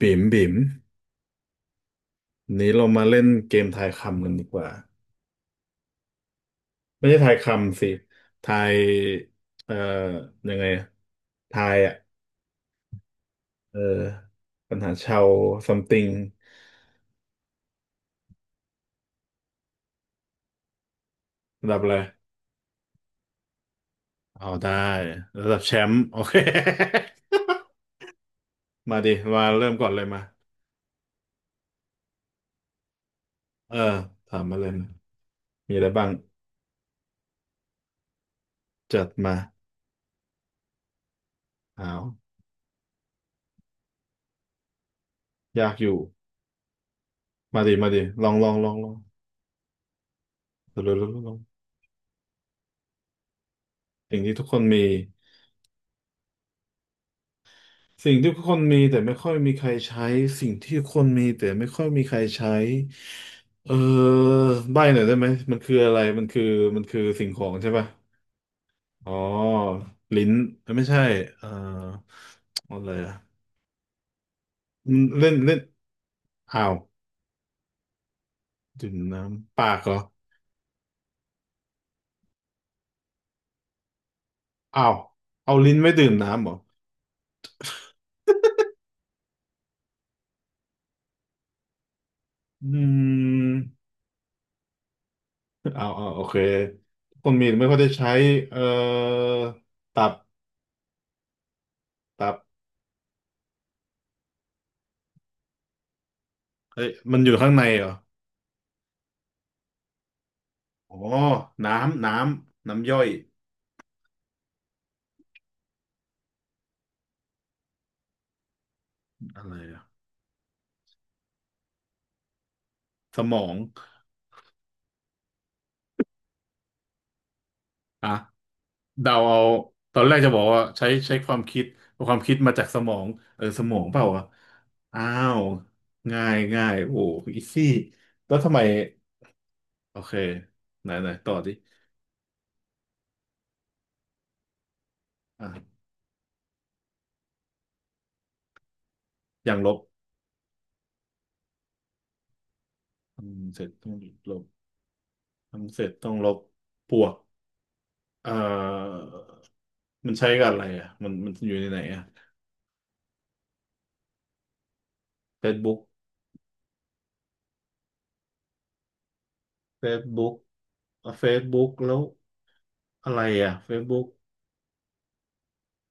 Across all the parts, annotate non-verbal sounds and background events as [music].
บิ่มบิ่มนี้เรามาเล่นเกมทายคำกันดีกว่า ไม่ใช่ทายคำสิทายเอ่อยังไงอะทายอ่ะ เออ ปัญหาชาว something ระดับอะไร เอาได้ระดับแชมป์โอเค [laughs] มาดิมาเริ่มก่อนเลยมา เออถามมาเลยมามีอะไรบ้าง จัดมาอ้าวยากอยู่ มาดิมาดิลองลองลองลองลองลองลองลองสิ่งที่ทุกคนมี สิ่งที่คนมีแต่ไม่ค่อยมีใครใช้สิ่งที่คนมีแต่ไม่ค่อยมีใครใช้เออใบ้หน่อยได้ไหมมันคือมันคือสิ่งของใช่ป่ะอ๋อลิ้นเอ้ยไม่ใช่เอ่ออะไรอ่ะมันเล่นเล่นอ้าวดื่มน้ำปากเหรออ้าวเอาลิ้นไม่ดื่มน้ำเหรออืมเอ้าวอ้าวโอเคคนมีแต่ไม่ค่อยได้ใช้เอ่อตับตับเอ้ยมันอยู่ข้างในเหรอ อ๋อน้ำ น้ำ น้ำย่อย อะไรอะสมอง อ่ะเดาเอา ตอนแรกจะบอกว่าใช้ความคิด ความคิดมาจากสมอง เออ สมองเปล่าวะอ้าว ง่าย โอ้อีซี่ แล้วทำไม โอเค ไหนไหนต่อดิอ่ะอย่างลบทำเสร็จต้องลบทำเสร็จต้องลบปวกเอ่อมันใช้กับอะไรอ่ะมันอยู่ในไหนอ่ะ Facebook Facebook เฟซบุ๊กแล้ว อะไรอ่ะ Facebook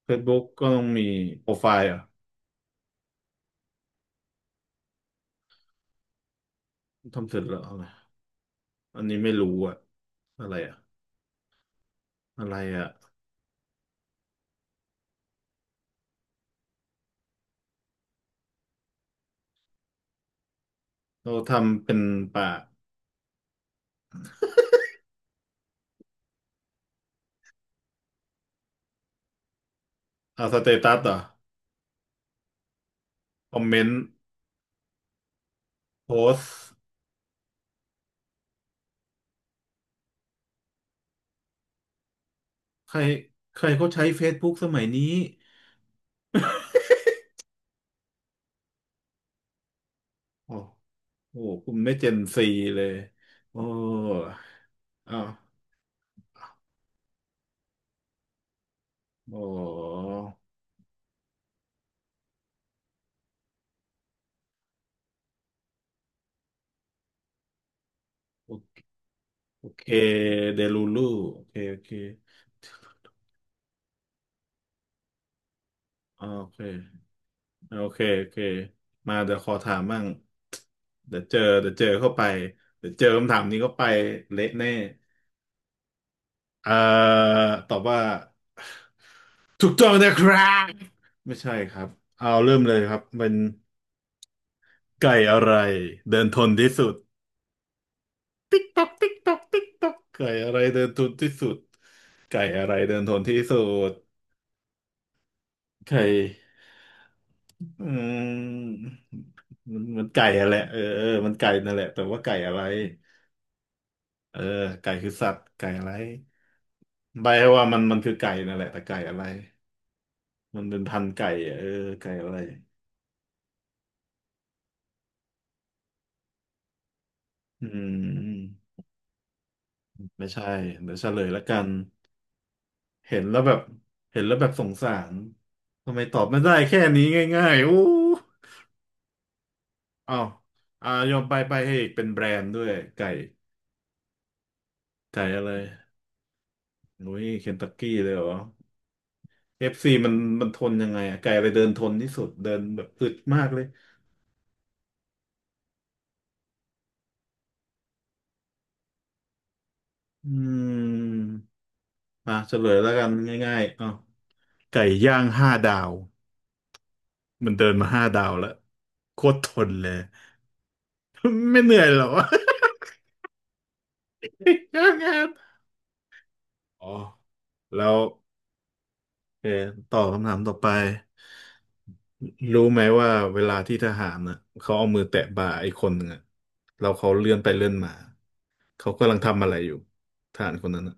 Facebook ก็ต้องมีโปรไฟล์เหรอ่ะทำเสร็จแล้วอะไรอันนี้ไม่รู้อ่ะอะไรอ่ะอะไรอ่ะเราทำเป็นป่าอ่าสเตตัสเหรอ่ะคอมเมนต์โพสใครใครเขาใช้ Facebook สมัยนี้โอ้โหคุณไม่เจนซีเลยโอ้อ้าวโอ้โอโอเคเดลูลูโอเคโอเคอ่าโอเค โอเคโอเคมาเดี๋ยวขอถามบ้างเดี๋ยวเจอเดี๋ยวเจอเข้าไปเดี๋ยวเจอคำถามนี้เข้าไปเละแน่เอ่อตอบว่าถูกต้องนะครับไม่ใช่ครับเอาเริ่มเลยครับเป็นไก่อะไรเดินทนที่สุดติ๊กตอกติ๊กตอกติ๊กตอกไก่อะไรเดินทนที่สุดไก่อะไรเดินทนที่สุดไก่อืมมันไก่อะแหละเออเออมันไก่นั่นแหละแต่ว่าไก่อะไร เออไก่คือสัตว์ไก่อะไรใบให้ว่ามันคือไก่นั่นแหละแต่ไก่อะไรมันเป็นพันธุ์ไก่อะเออไก่อะไรอืมไม่ใช่เดี๋ยวเฉลยละกันเห็นแล้วแบบเห็นแล้วแบบสงสารทำไมตอบไม่ได้แค่นี้ง่ายๆอู้อ้าวอ่ายอมไปไปให้อีกเป็นแบรนด์ด้วยไก่ไก่อะไรอุ้ยเคนตักกี้เลยเหรอเอฟซีมันมันทนยังไงอะไก่อะไรเดินทนที่สุดเดินแบบอึดมากเลยอืม อ่ะเฉลยแล้วกันง่ายๆอ่ะไก่ย่างห้าดาวมันเดินมาห้าดาวแล้วโคตรทนเลยไม่เหนื่อยหรอ [laughs] ย่างงาน [laughs] อ๋อแล้วเออต่อคำถามต่อไปรู้ไหมว่าเวลาที่ทหารน่ะเขาเอามือแตะบ่าไอ้คนหนึ่งอะแล้วเขาเลื่อนไปเลื่อนมาเขากำลังทำอะไรอยู่ทหารคนนั้นอ่ะ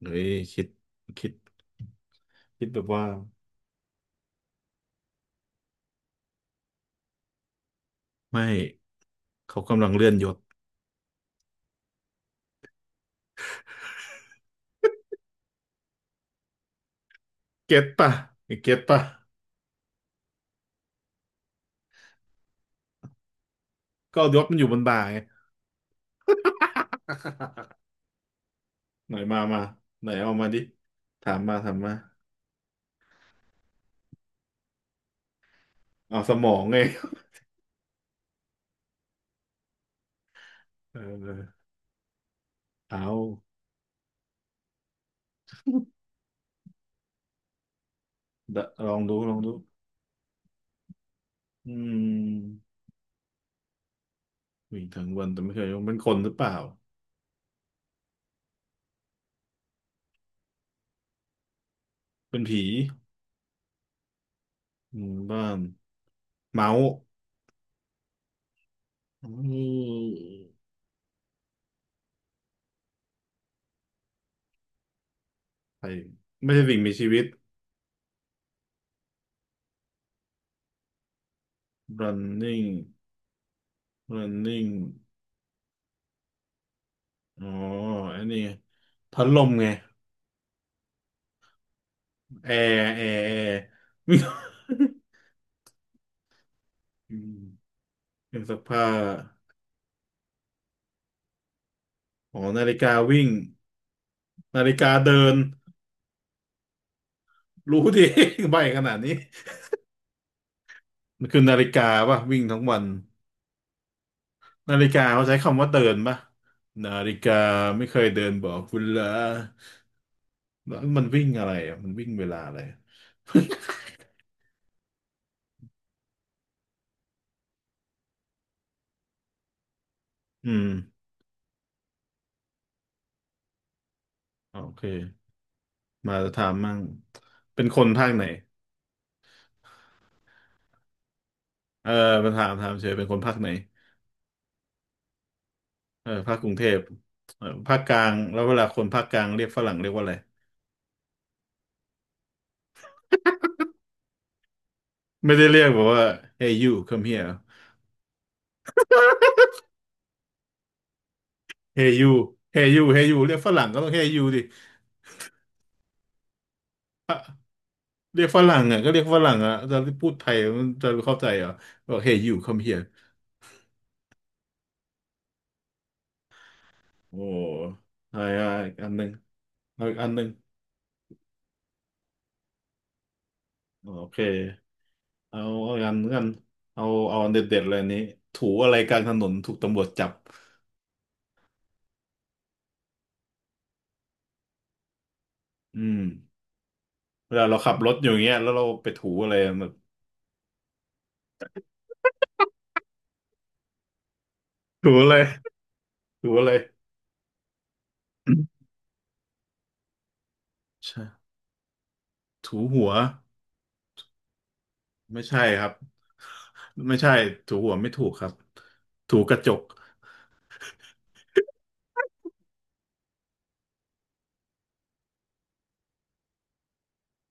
เฮ้ยคิดคิดคิดแบบว่าไม่เขากำลังเลื่อนยศ เก็ตป่ะเก็ตป่ะก็ยศมันอยู่บนบ่าไงไหนมามาไหนเอามาดิถามมาถามมาเอาสมองไง [laughs] เออเอาดะลองดูลองดูอืมวิ่งทั้งวันแต่ไม่เคยเป็นคนหรือเปล่าเป็นผีอืมบ้านเมาส์อืมใช่ไม่ใช่สิ่งมีชีวิต running running อ๋ออันนี้ไงพัดลมไงแอร์ [laughs] อืม [laughs] เครื่องซักผ้าอ๋อนาฬิกาวิ่งนาฬิกาเดินรู้ดิ [laughs] ใบขนาดนี้มันคือนาฬิกาป่ะวิ่งทั้งวันนาฬิกาเขาใช้คำว่าเดินป่ะนาฬิกาไม่เคยเดินบอกเุณละแล้วมันวิ่งอะไรอ่ะมันวิ่งเวลาอะไรอืมโอเคมาถามมั่งเป็นคนภาคไหนเออมาถามถามเฉยเป็นคนภาคไหนเออภาคกรุงเทพเออภาคกลางแล้วเวลาคนภาคกลางเรียกฝรั่งเรียกว่าอะไรไม่ได้เรียกแบบว่า Hey you come here เฮยูเฮยูเฮยูเรียกฝรั่งก็ต้องเฮยูดิเรียกฝรั่งอ่ะก็เรียกฝรั่งอ่ะจะพูดไทยมันจะเข้าใจเหรอบอกเฮยู come here โอ้ใช่อะอีกอันหนึ่งเอาอีกอันหนึ่งโอเคเอาเอาอีกอันหนึ่งกันเอาเอาอันเด็ดๆเลยอันนี้ถูอะไรกลางถนนถูกตำรวจจับอืมเวลาเราขับรถอยู่อย่างเงี้ยแล้วเราไปถูอะไรแบบถูอะไรถูอะไรใช่ถูหัวไม่ใช่ครับไม่ใช่ถูหัวไม่ถูกครับถูกระจก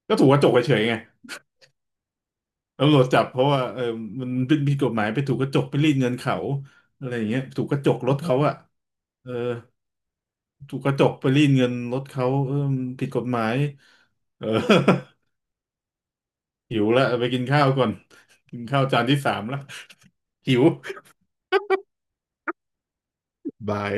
ก็ถูกกระจกเฉยๆไงตำรวจจับเพราะว่าเออมันเป็นผิดกฎหมายไปถูกกระจกไปรีดเงินเขาอะไรอย่างเงี้ยถูกกระจกรถเขาอะเออถูกกระจกไปรีดเงินรถเขาเออมันผิดกฎหมายเออ [laughs] หิวละไปกินข้าวก่อนกินข้าวจานที่สามละ [laughs] หิว [laughs] บาย